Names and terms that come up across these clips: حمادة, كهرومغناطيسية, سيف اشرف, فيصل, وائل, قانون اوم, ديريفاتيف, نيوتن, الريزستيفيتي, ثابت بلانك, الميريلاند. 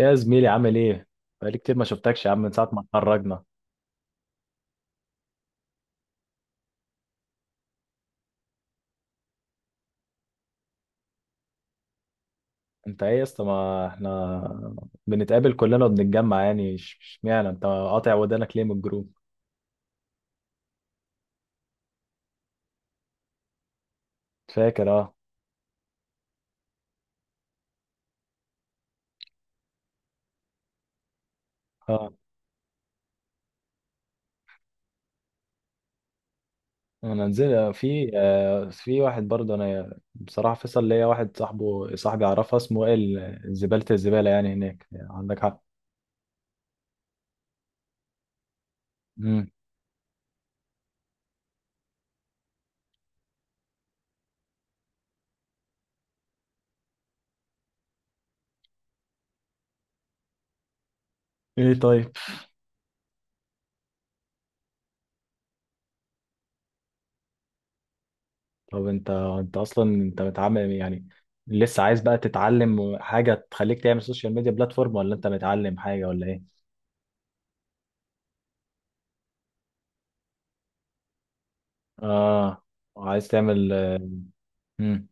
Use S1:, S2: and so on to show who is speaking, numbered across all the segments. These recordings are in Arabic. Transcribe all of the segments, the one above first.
S1: يا زميلي عامل ايه؟ بقالي كتير ما شفتكش يا عم من ساعة ما اتخرجنا. انت ايه يا اسطى، ما احنا بنتقابل كلنا وبنتجمع، يعني اشمعنى انت قاطع ودانك ليه من الجروب؟ فاكر اه. اه انا نزل، في واحد برضه، انا بصراحة فيصل ليا واحد، صاحبه صاحبي، اعرفه، اسمه وائل زبالة، الزبالة يعني هناك، عندك حق. مم. ايه طيب؟ طب انت اصلا انت متعامل، يعني لسه عايز بقى تتعلم حاجة تخليك تعمل سوشيال ميديا بلاتفورم، ولا انت متعلم حاجة، ولا ايه؟ اه. عايز تعمل. مم.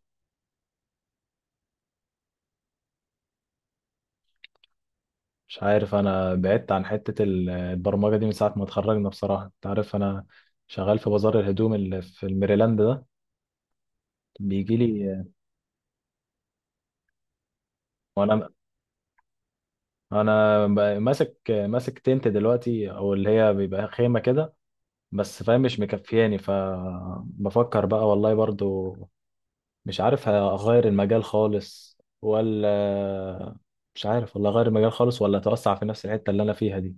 S1: مش عارف، انا بعدت عن حتة البرمجة دي من ساعة ما اتخرجنا، بصراحة انت عارف انا شغال في بازار الهدوم اللي في الميريلاند ده، بيجي لي. وانا ماسك تنت دلوقتي، او اللي هي بيبقى خيمة كده، بس فاهم مش مكفياني، فبفكر بقى والله برضو، مش عارف اغير المجال خالص ولا، مش عارف والله اغير المجال خالص ولا اتوسع في نفس الحتة اللي انا فيها دي.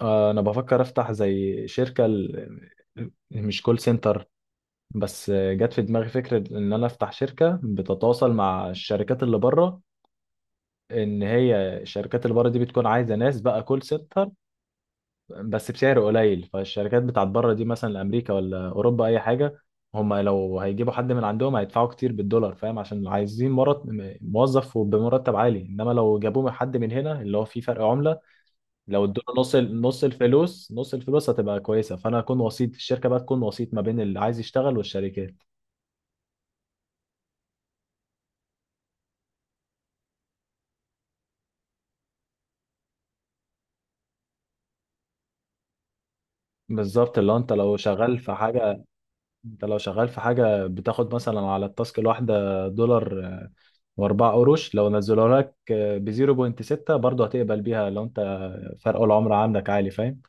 S1: انا بفكر افتح زي شركة مش كول سنتر، بس جت في دماغي فكرة ان انا افتح شركة بتتواصل مع الشركات اللي بره، ان هي الشركات اللي بره دي بتكون عايزة ناس بقى كول سنتر بس بسعر قليل. فالشركات بتاعت بره دي مثلا امريكا ولا اوروبا اي حاجة، هما لو هيجيبوا حد من عندهم هيدفعوا كتير بالدولار، فاهم؟ عشان عايزين موظف وبمرتب عالي، انما لو جابوه حد من هنا اللي هو فيه فرق عملة، لو ادونا نص الفلوس هتبقى كويسه. فانا اكون وسيط الشركه، بقى تكون وسيط ما بين اللي عايز يشتغل والشركات. بالظبط، اللي هو انت لو شغال في حاجه بتاخد مثلا على التاسك الواحده دولار واربع قروش، لو نزلوا لك ب 0.6 برضه هتقبل بيها، لو انت فرق العمر عندك عالي، فاهم.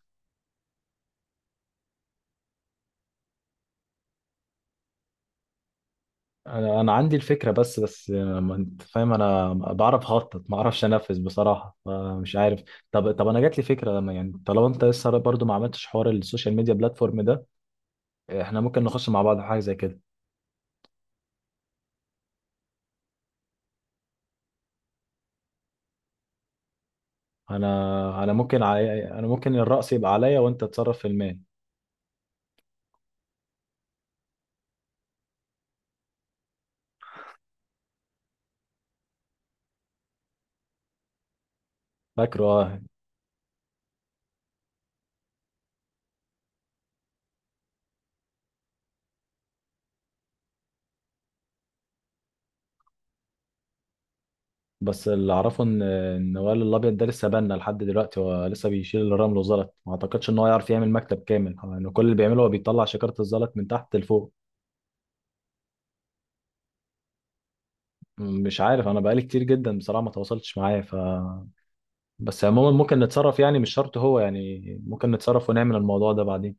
S1: انا عندي الفكره، بس ما انت فاهم، انا بعرف اخطط، ما اعرفش انفذ بصراحه، فمش عارف. طب انا جات لي فكره، لما يعني طالما انت لسه برضو ما عملتش حوار السوشيال ميديا بلاتفورم ده، احنا ممكن نخش مع بعض في حاجه زي كده. انا ممكن الرأس يبقى عليا وانت تتصرف في المال. فاكره اه. بس اللي اعرفه ان وائل الابيض ده لسه بنا لحد دلوقتي، هو لسه بيشيل الرمل والزلط، ما اعتقدش ان هو يعرف يعمل مكتب كامل، يعني كل اللي بيعمله هو بيطلع شكاره الزلط من تحت لفوق. مش عارف، انا بقالي كتير جدا بصراحه ما تواصلتش معاه، ف بس عموما ممكن نتصرف يعني، مش شرط هو يعني، ممكن نتصرف ونعمل الموضوع ده بعدين.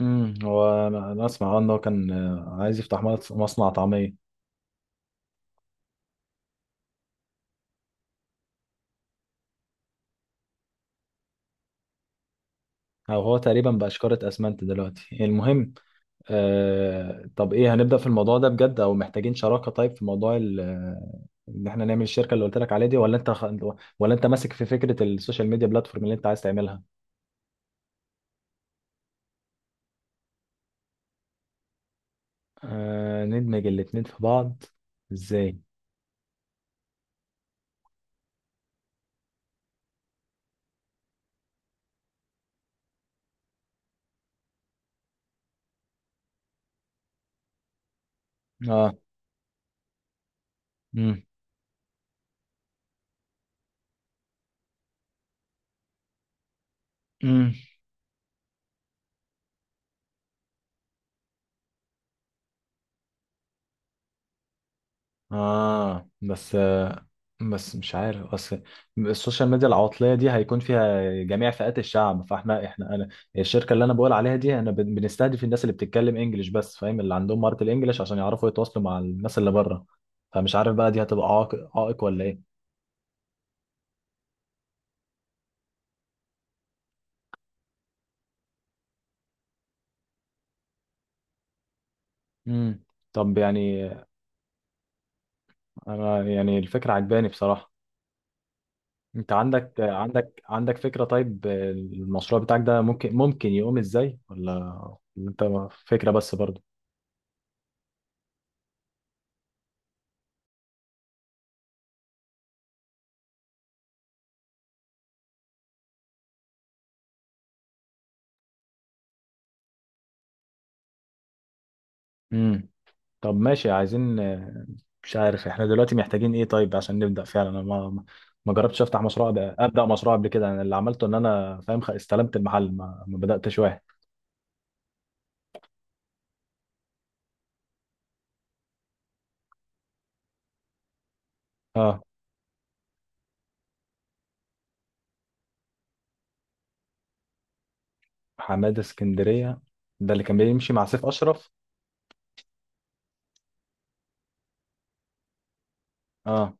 S1: هو انا اسمع ان هو كان عايز يفتح مصنع طعميه. او هو تقريبا بقى شكاره اسمنت دلوقتي، المهم. طب ايه، هنبدا في الموضوع ده بجد او محتاجين شراكه؟ طيب، في موضوع ان احنا نعمل الشركه اللي قلت لك عليها دي، ولا انت ولا انت ماسك في فكره السوشيال ميديا بلاتفورم اللي انت عايز تعملها؟ ندمج الاتنين في بعض، ازاي؟ اه. امم. امم. اه، بس مش عارف، اصل السوشيال ميديا العواطليه دي هيكون فيها جميع فئات الشعب، فاحنا احنا انا الشركه اللي انا بقول عليها دي انا بنستهدف الناس اللي بتتكلم انجليش بس، فاهم، اللي عندهم مهاره الانجليش عشان يعرفوا يتواصلوا مع الناس اللي بره. فمش عارف بقى دي هتبقى عائق ولا ايه. امم. طب يعني، انا يعني الفكره عجباني بصراحه. انت عندك فكره، طيب المشروع بتاعك ده ممكن يقوم ازاي، ولا ولا انت فكره بس برضه؟ طب ماشي، عايزين مش عارف احنا دلوقتي محتاجين ايه طيب عشان نبدأ فعلا، انا ما جربتش افتح مشروع ده، ابدأ مشروع قبل كده، انا اللي عملته ان انا فاهم استلمت المحل، ما بدأتش واحد. اه. حمادة اسكندرية ده اللي كان بيمشي مع سيف اشرف. اه.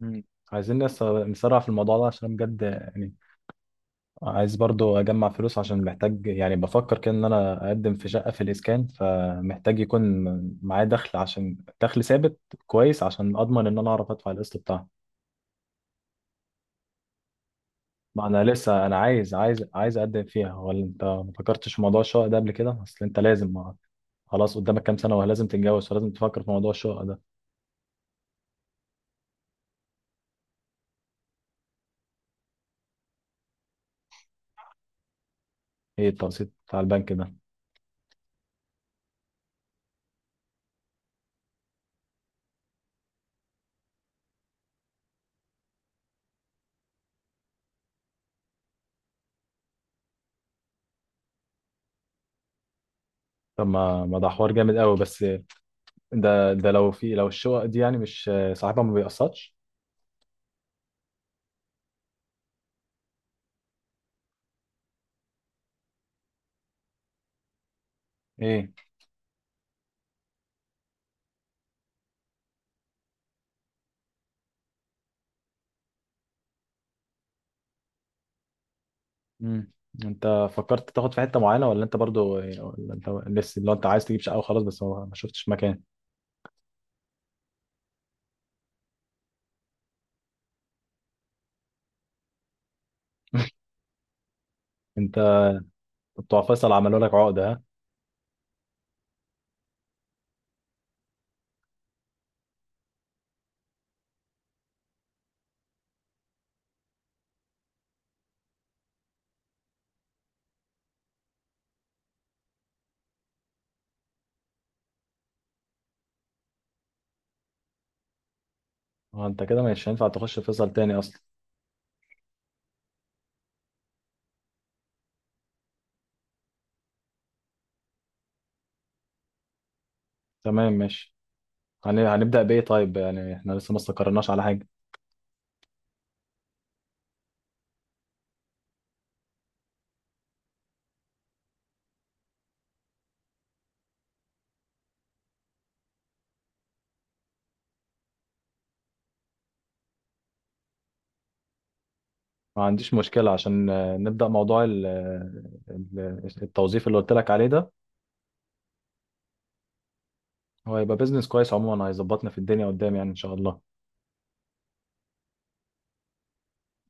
S1: مم. عايزين نسرع في الموضوع ده، عشان بجد يعني عايز برضو اجمع فلوس، عشان محتاج يعني، بفكر كده ان انا اقدم في شقة في الاسكان، فمحتاج يكون معايا دخل، عشان دخل ثابت كويس عشان اضمن ان انا اعرف ادفع القسط بتاعها. ما انا لسه، انا عايز اقدم فيها، ولا انت ما فكرتش في موضوع الشقه ده قبل كده؟ اصل انت لازم خلاص قدامك كام سنه ولازم تتجوز، فلازم تفكر في موضوع الشقه ده. ايه التقسيط بتاع البنك ده؟ طب ما ده حوار جامد قوي، بس ده ده لو الشقق دي يعني مش صاحبها ما بيقسطش؟ ايه. امم. انت فكرت تاخد في حته معينه، ولا انت برضو، ولا انت لسه لو انت عايز تجيب شقه وخلاص بس ما شفتش مكان؟ انت بتوع فيصل عملوا لك عقده، ها؟ انت كده مش هينفع تخش فيصل تاني اصلا. تمام ماشي، هنبدأ بإيه طيب؟ يعني احنا لسه ما استقرناش على حاجة. ما عنديش مشكلة، عشان نبدأ موضوع التوظيف اللي قلت لك عليه ده. هو هيبقى بيزنس كويس عموما، هيظبطنا في الدنيا قدام يعني إن شاء الله.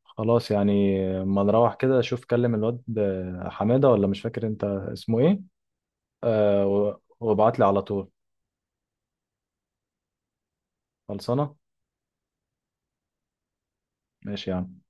S1: خلاص يعني، ما نروح كده، شوف كلم الواد حمادة، ولا مش فاكر انت اسمه ايه، وابعت لي على طول. خلصانة. ماشي يعني.